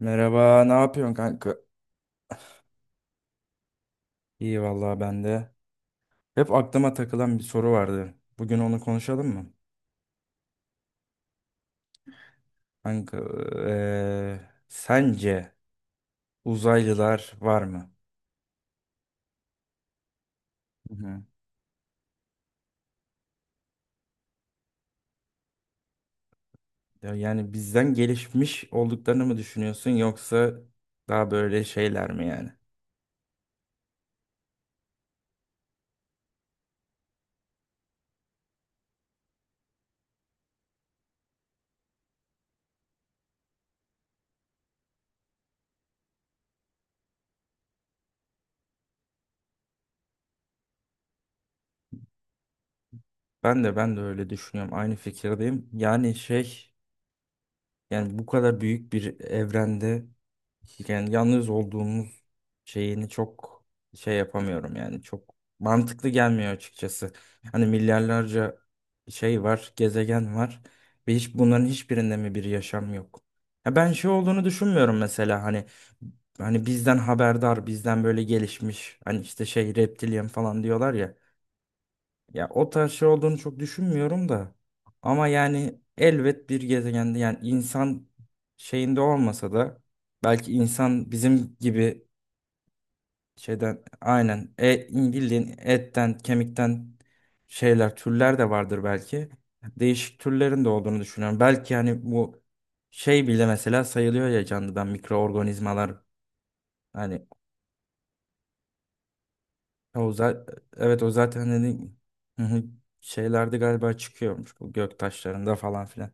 Merhaba, ne yapıyorsun kanka? İyi vallahi ben de. Hep aklıma takılan bir soru vardı. Bugün onu konuşalım mı? Kanka, eee, sence uzaylılar var mı? Hı hı. Ya yani bizden gelişmiş olduklarını mı düşünüyorsun yoksa daha böyle şeyler mi yani? Ben de öyle düşünüyorum. Aynı fikirdeyim. Yani şey, yani bu kadar büyük bir evrende yani yalnız olduğumuz şeyini çok şey yapamıyorum yani çok mantıklı gelmiyor açıkçası. Hani milyarlarca şey var, gezegen var ve hiç bunların hiçbirinde mi bir yaşam yok? Ya ben şey olduğunu düşünmüyorum mesela hani bizden haberdar, bizden böyle gelişmiş, hani işte şey reptilyen falan diyorlar ya. Ya o tarz şey olduğunu çok düşünmüyorum da. Ama yani elbet bir gezegende yani insan şeyinde olmasa da belki insan bizim gibi şeyden, aynen bildiğin etten kemikten şeyler, türler de vardır belki. Değişik türlerin de olduğunu düşünüyorum. Belki hani bu şey bile mesela sayılıyor ya canlıdan, mikroorganizmalar hani, o zaten, evet o zaten hani şeylerde galiba çıkıyormuş, bu göktaşlarında falan filan.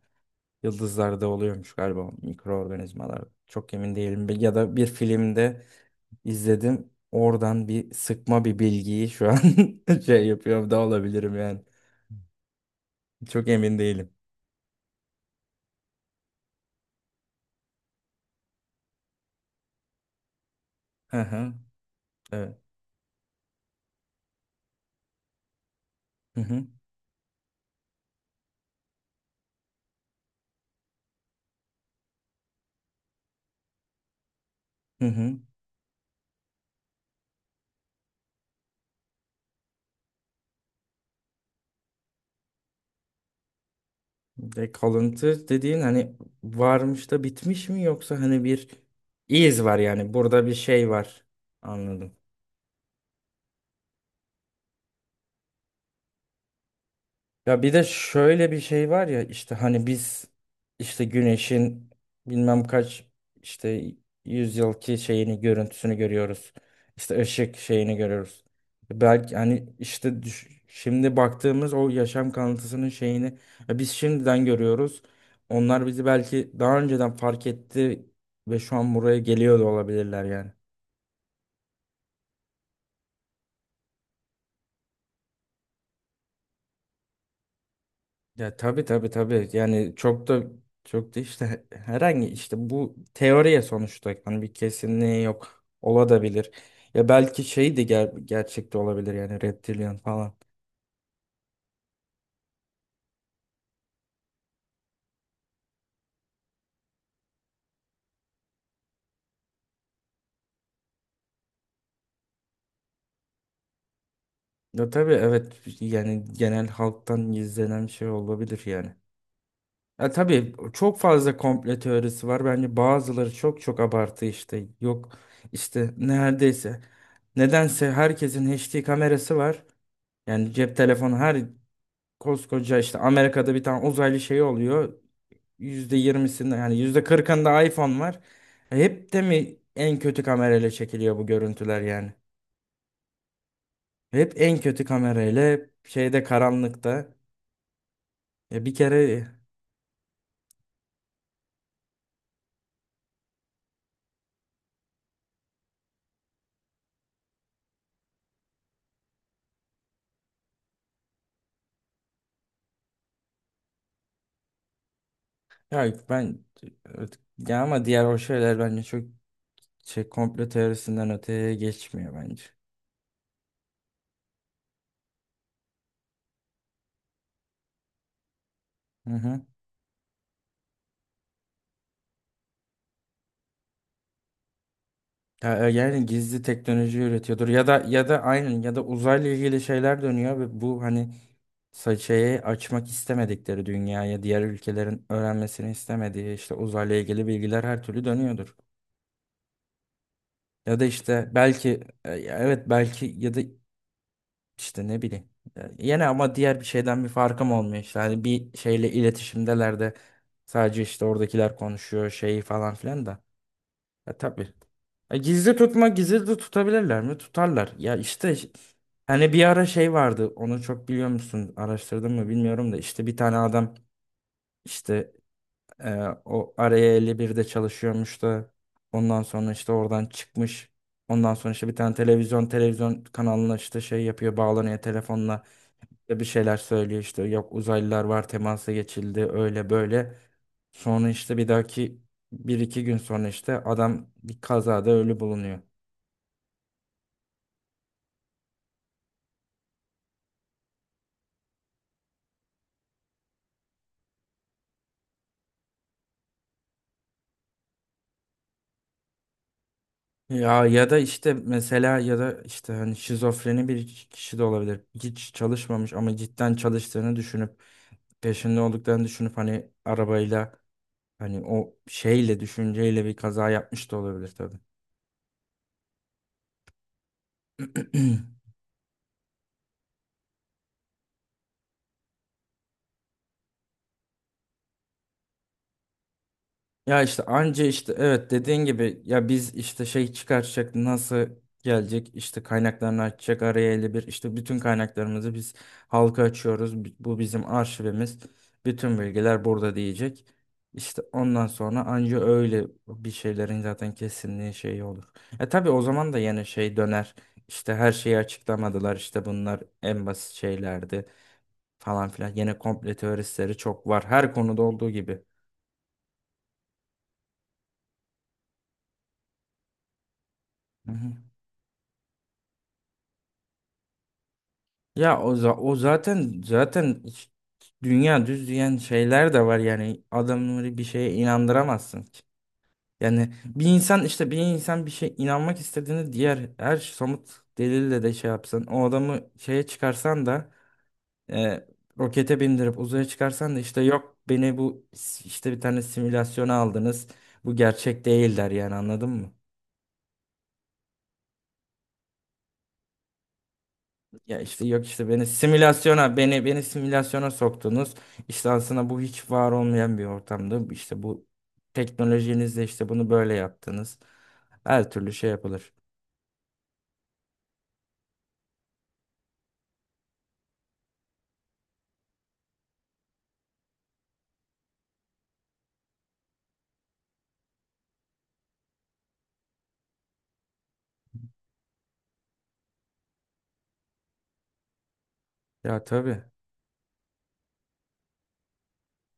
Yıldızlarda oluyormuş galiba mikroorganizmalar. Çok emin değilim. Ya da bir filmde izledim. Oradan bir sıkma bir bilgiyi şu an şey yapıyorum da olabilirim yani. Çok emin değilim. Hı hı. Evet. Hı hı. Hı hı. Ve kalıntı dediğin hani varmış da bitmiş mi, yoksa hani bir iz var yani burada bir şey var. Anladım. Ya bir de şöyle bir şey var ya, işte hani biz işte güneşin bilmem kaç işte yüzyılki şeyini, görüntüsünü görüyoruz. İşte ışık şeyini görüyoruz. Belki hani işte şimdi baktığımız o yaşam kanıtısının şeyini ya biz şimdiden görüyoruz. Onlar bizi belki daha önceden fark etti ve şu an buraya geliyor da olabilirler yani. Ya tabii tabii tabii. Yani çok da işte herhangi işte, bu teoriye sonuçta hani bir kesinliği yok. Ola da bilir. Ya belki şey de gerçekte olabilir yani, reptilian falan. Ya tabii, evet yani genel halktan gizlenen şey olabilir yani. Ya tabii çok fazla komplo teorisi var. Bence bazıları çok çok abartı işte. Yok işte neredeyse. Nedense herkesin HD kamerası var. Yani cep telefonu her, koskoca işte Amerika'da bir tane uzaylı şey oluyor. %20'sinde, yani %40'ında iPhone var. Hep de mi en kötü kamerayla çekiliyor bu görüntüler yani? Hep en kötü kamerayla, hep şeyde, karanlıkta. Ya bir kere, ya ben, evet, ya ama diğer o şeyler bence çok şey, komplo teorisinden öteye geçmiyor bence. Hı hı. Ya, yani gizli teknoloji üretiyordur, ya da aynen, ya da uzayla ilgili şeyler dönüyor ve bu hani, saçayı açmak istemedikleri dünyaya, diğer ülkelerin öğrenmesini istemediği işte uzayla ilgili bilgiler her türlü dönüyordur. Ya da işte belki ya evet belki, ya da işte ne bileyim. Yine ama diğer bir şeyden bir farkım olmuyor işte. Hani bir şeyle iletişimdeler de sadece işte oradakiler konuşuyor şeyi falan filan da. Tabii. Gizli tutma, gizli de tutabilirler mi? Tutarlar. Ya işte hani bir ara şey vardı. Onu çok biliyor musun? Araştırdın mı bilmiyorum da, işte bir tane adam işte, Ee, o araya 51'de çalışıyormuş da ondan sonra işte oradan çıkmış. Ondan sonra işte bir tane televizyon kanalına işte şey yapıyor, bağlanıyor telefonla ve bir şeyler söylüyor işte, yok uzaylılar var, temasa geçildi, öyle böyle. Sonra işte bir dahaki, bir iki gün sonra işte adam bir kazada ölü bulunuyor. Ya ya da işte mesela, ya da işte hani şizofreni bir kişi de olabilir. Hiç çalışmamış ama cidden çalıştığını düşünüp, peşinde olduklarını düşünüp hani arabayla, hani o şeyle, düşünceyle bir kaza yapmış da olabilir tabii. Ya işte anca işte, evet dediğin gibi ya biz işte şey çıkartacak, nasıl gelecek işte, kaynaklarını açacak, araya 51 işte bütün kaynaklarımızı biz halka açıyoruz. Bu bizim arşivimiz. Bütün bilgiler burada diyecek. İşte ondan sonra anca öyle bir şeylerin zaten kesinliği şeyi olur. Tabii, o zaman da yine şey döner. İşte her şeyi açıklamadılar, İşte bunlar en basit şeylerdi falan filan. Yine komple teoristleri çok var. Her konuda olduğu gibi. Hı hı. Ya o, za- o zaten zaten hiç- dünya düz diyen şeyler de var yani, adamları bir şeye inandıramazsın ki. Yani bir insan işte, bir insan bir şey inanmak istediğini diğer her somut delille de şey yapsın. O adamı şeye çıkarsan da e, rokete bindirip uzaya çıkarsan da işte, yok beni bu işte, bir tane simülasyona aldınız. Bu gerçek değil, der yani, anladın mı? Ya işte yok işte, beni simülasyona soktunuz. İşte aslında bu hiç var olmayan bir ortamda işte bu teknolojinizle işte bunu böyle yaptınız. Her türlü şey yapılır. Ya tabii.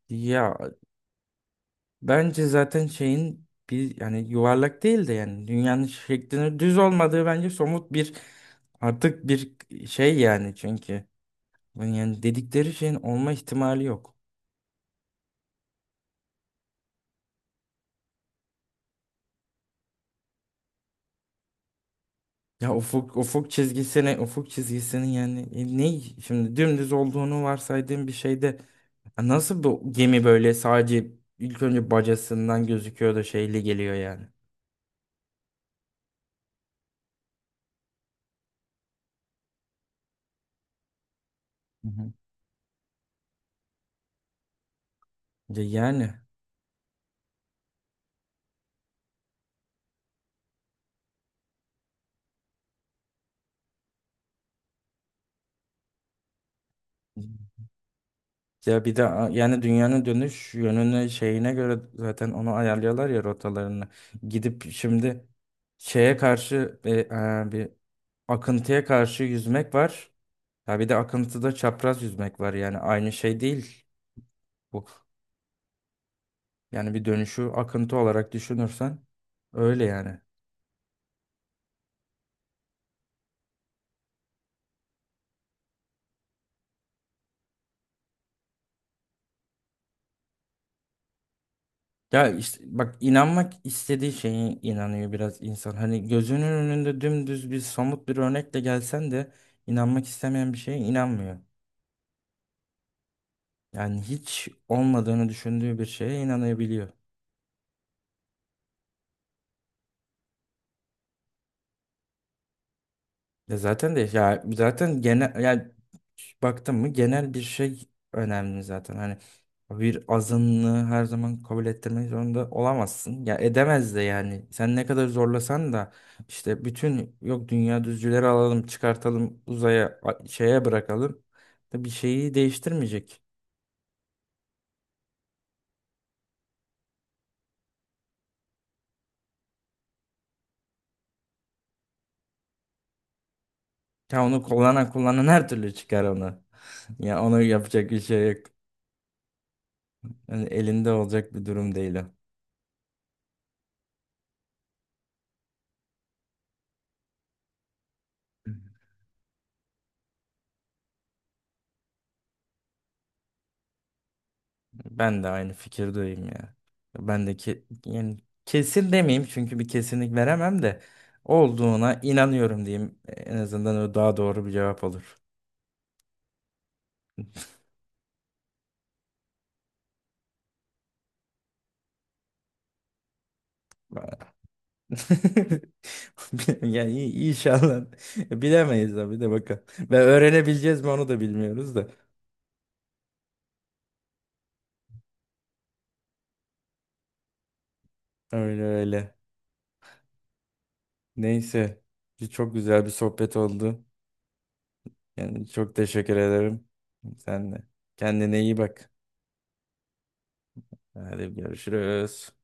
Ya bence zaten şeyin bir, yani yuvarlak değil de yani dünyanın şeklinin düz olmadığı bence somut bir, artık bir şey yani, çünkü yani dedikleri şeyin olma ihtimali yok. Ya ufuk çizgisinin yani ne, şimdi dümdüz olduğunu varsaydığım bir şeyde nasıl bu gemi böyle sadece ilk önce bacasından gözüküyor da şeyli geliyor yani. Hı hı. Ya yani, ya bir de yani dünyanın dönüş yönüne, şeyine göre zaten onu ayarlıyorlar ya rotalarını. Gidip şimdi şeye karşı bir, akıntıya karşı yüzmek var. Ya bir de akıntıda çapraz yüzmek var, yani aynı şey değil bu. Yani bir dönüşü akıntı olarak düşünürsen öyle yani. Ya işte bak, inanmak istediği şeye inanıyor biraz insan. Hani gözünün önünde dümdüz bir somut bir örnekle gelsen de inanmak istemeyen bir şeye inanmıyor. Yani hiç olmadığını düşündüğü bir şeye inanabiliyor. Ya zaten de, ya zaten genel yani baktım mı, genel bir şey önemli zaten. Hani bir azınlığı her zaman kabul ettirmek zorunda olamazsın. Ya edemez de yani. Sen ne kadar zorlasan da işte, bütün, yok dünya düzcüleri alalım, çıkartalım, uzaya şeye bırakalım da bir şeyi değiştirmeyecek. Ya onu kullanan her türlü çıkar onu. Ya onu yapacak bir şey yok. Yani elinde olacak bir durum değil o. Ben de aynı fikirdeyim ya. Ben de, yani kesin demeyeyim çünkü bir kesinlik veremem de, olduğuna inanıyorum diyeyim. En azından o daha doğru bir cevap olur. Yani inşallah bilemeyiz tabii de, bakalım. Ve öğrenebileceğiz mi, onu da bilmiyoruz da. Öyle öyle. Neyse. Çok güzel bir sohbet oldu. Yani çok teşekkür ederim. Sen de. Kendine iyi bak. Hadi görüşürüz.